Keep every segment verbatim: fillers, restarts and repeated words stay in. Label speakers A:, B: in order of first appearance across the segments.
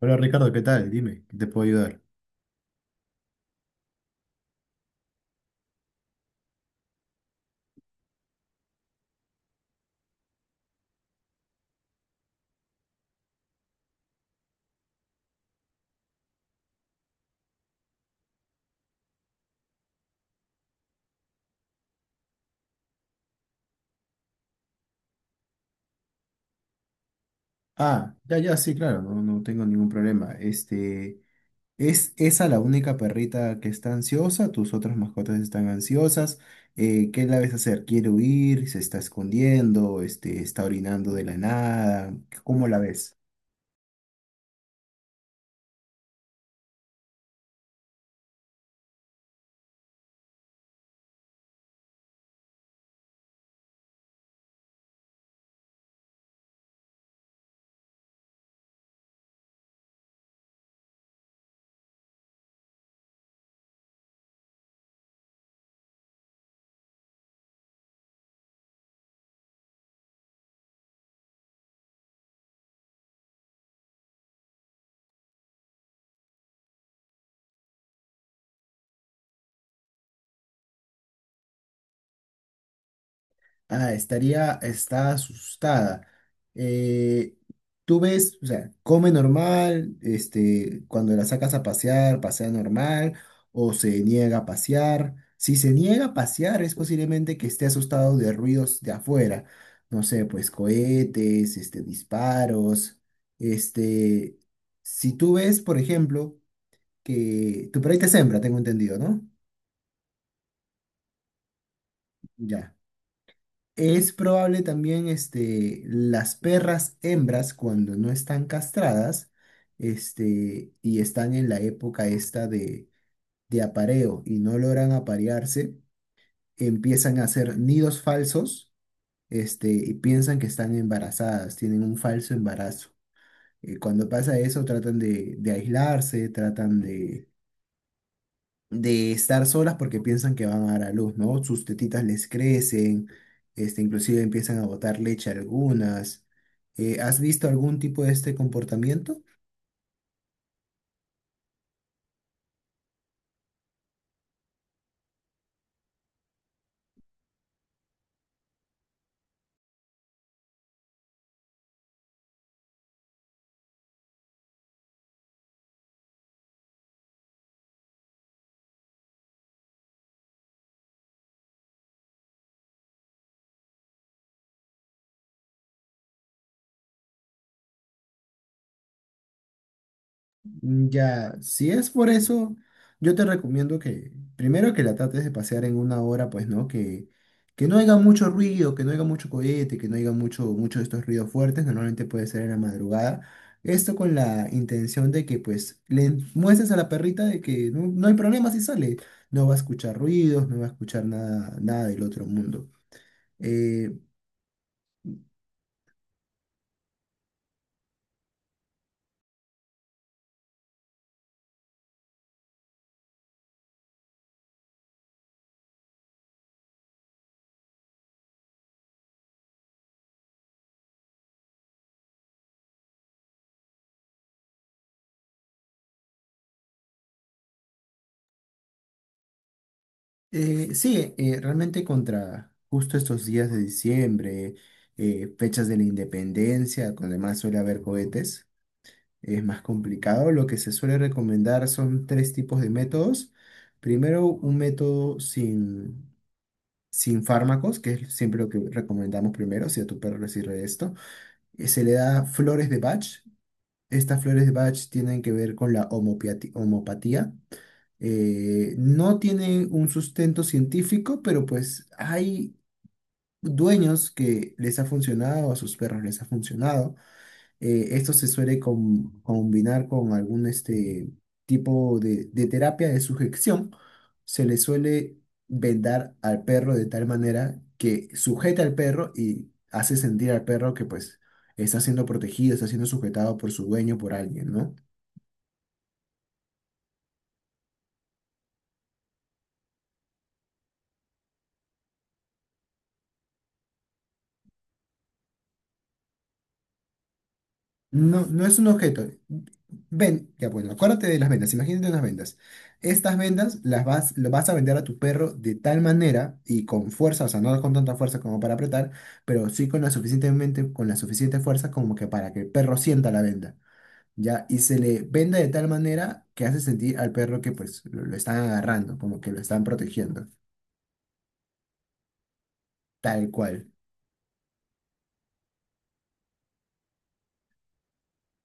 A: Hola Ricardo, ¿qué tal? Dime, ¿qué te puedo ayudar? Ah, ya, ya, sí, claro, no, no tengo ningún problema. Este, ¿es esa la única perrita que está ansiosa? ¿Tus otras mascotas están ansiosas? Eh, ¿qué la ves hacer? ¿Quiere huir? ¿Se está escondiendo? Este, ¿está orinando de la nada? ¿Cómo la ves? Ah, estaría, está asustada. Eh, tú ves, o sea, come normal, este, cuando la sacas a pasear, pasea normal, o se niega a pasear. Si se niega a pasear, es posiblemente que esté asustado de ruidos de afuera. No sé, pues cohetes, este, disparos. Este, si tú ves, por ejemplo, que tu perrita es hembra, tengo entendido, ¿no? Ya. Es probable también este, las perras hembras cuando no están castradas este, y están en la época esta de, de apareo y no logran aparearse, empiezan a hacer nidos falsos este, y piensan que están embarazadas, tienen un falso embarazo. Eh, cuando pasa eso tratan de, de aislarse, tratan de de estar solas porque piensan que van a dar a luz, ¿no? Sus tetitas les crecen, este, inclusive empiezan a botar leche algunas. Eh, ¿has visto algún tipo de este comportamiento? Mm, ya, si es por eso, yo te recomiendo que primero que la trates de pasear en una hora, pues, ¿no? Que, que no haya mucho ruido, que no haya mucho cohete, que no haya mucho, mucho de estos ruidos fuertes, normalmente puede ser en la madrugada. Esto con la intención de que, pues, le muestres a la perrita de que no, no hay problema si sale. No va a escuchar ruidos, no va a escuchar nada, nada del otro mundo. Eh, Eh, sí, eh, realmente contra justo estos días de diciembre, eh, fechas de la independencia, donde más suele haber cohetes, es más complicado. Lo que se suele recomendar son tres tipos de métodos. Primero, un método sin, sin fármacos, que es siempre lo que recomendamos primero, si a tu perro le sirve esto. Eh, se le da flores de Bach. Estas flores de Bach tienen que ver con la homopiati- homopatía, eh, no tiene un sustento científico, pero pues hay dueños que les ha funcionado, a sus perros les ha funcionado. Eh, esto se suele com- combinar con algún este, tipo de, de terapia de sujeción. Se le suele vendar al perro de tal manera que sujeta al perro y hace sentir al perro que pues está siendo protegido, está siendo sujetado por su dueño, por alguien, ¿no? No, no es un objeto. Ven, ya bueno, acuérdate de las vendas, imagínate unas vendas. Estas vendas las vas, lo vas a vender a tu perro de tal manera y con fuerza, o sea, no con tanta fuerza como para apretar, pero sí con la suficientemente, con la suficiente fuerza como que para que el perro sienta la venda, ¿ya? Y se le venda de tal manera que hace sentir al perro que pues lo, lo están agarrando, como que lo están protegiendo, tal cual.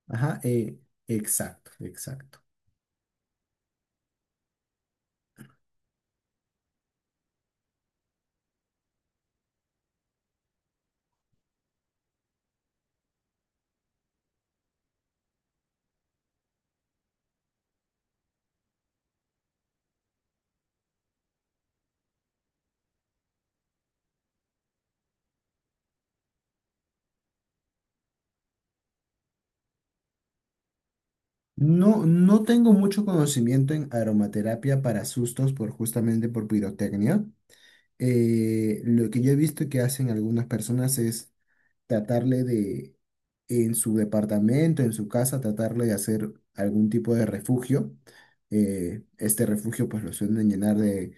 A: Ajá, eh, exacto, exacto. No, no tengo mucho conocimiento en aromaterapia para sustos por justamente por pirotecnia. Eh, lo que yo he visto que hacen algunas personas es tratarle de, en su departamento, en su casa, tratarle de hacer algún tipo de refugio. Eh, este refugio pues lo suelen llenar de,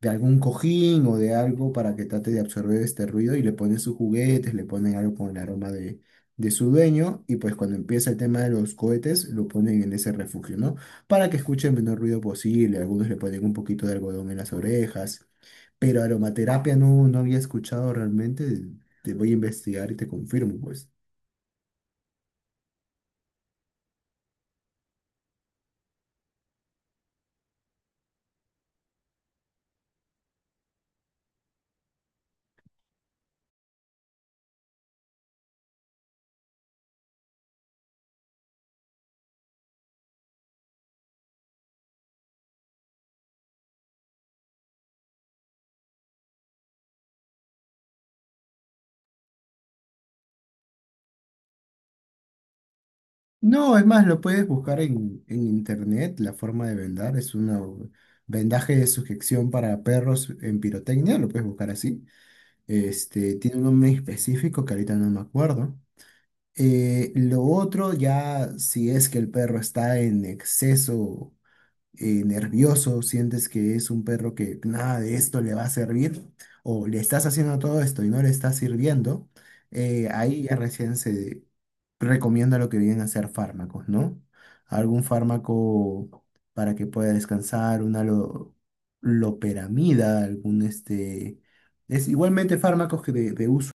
A: de algún cojín o de algo para que trate de absorber este ruido y le ponen sus juguetes, le ponen algo con el aroma de, de su dueño y pues cuando empieza el tema de los cohetes lo ponen en ese refugio, ¿no? Para que escuche el menor ruido posible, algunos le ponen un poquito de algodón en las orejas. Pero aromaterapia no, no había escuchado realmente. Te voy a investigar y te confirmo, pues. No, es más, lo puedes buscar en en internet, la forma de vendar. Es un vendaje de sujeción para perros en pirotecnia, lo puedes buscar así. Este, tiene un nombre específico que ahorita no me acuerdo. Eh, lo otro ya, si es que el perro está en exceso eh, nervioso, sientes que es un perro que nada de esto le va a servir, o le estás haciendo todo esto y no le está sirviendo, eh, ahí ya recién se recomienda lo que vienen a ser fármacos, ¿no? Algún fármaco para que pueda descansar, una lo- loperamida, algún este... Es igualmente fármacos que de, de uso.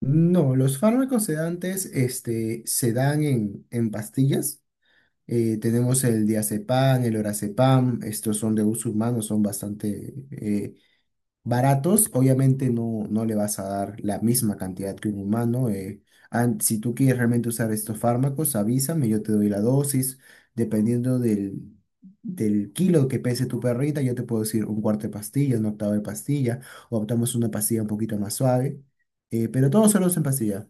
A: No, los fármacos sedantes este, se dan en, en pastillas. Eh, tenemos el diazepam, el lorazepam, estos son de uso humano, son bastante eh, baratos. Obviamente no, no le vas a dar la misma cantidad que un humano. eh. An- si tú quieres realmente usar estos fármacos, avísame, yo te doy la dosis. Dependiendo del, del kilo que pese tu perrita, yo te puedo decir un cuarto de pastilla, un octavo de pastilla, o optamos una pastilla un poquito más suave. eh, pero todos solo en pastilla.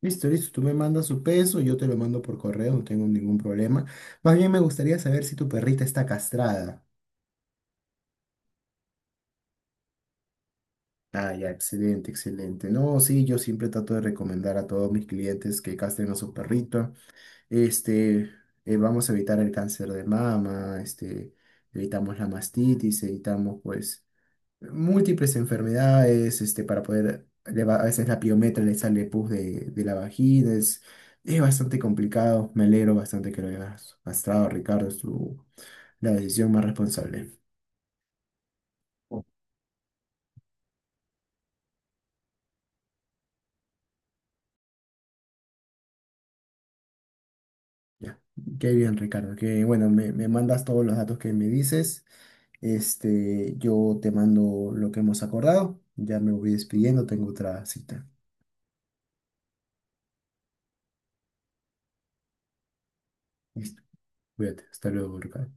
A: Listo, listo. Tú me mandas su peso, yo te lo mando por correo, no tengo ningún problema. Más bien me gustaría saber si tu perrita está castrada. Ah, ya, excelente, excelente. No, sí, yo siempre trato de recomendar a todos mis clientes que castren a su perrito. Este, eh, vamos a evitar el cáncer de mama, este, evitamos la mastitis, evitamos, pues, múltiples enfermedades, este, para poder, le va- a veces la piometra le sale pus de, de la vagina, es, es bastante complicado, me alegro bastante que lo hayas gastado, Ricardo, es tu, la decisión más responsable. Ya, qué bien, Ricardo, que bueno, me, me mandas todos los datos que me dices, este, yo te mando lo que hemos acordado, ya me voy despidiendo, tengo otra cita. Listo, cuídate, hasta luego, Ricardo.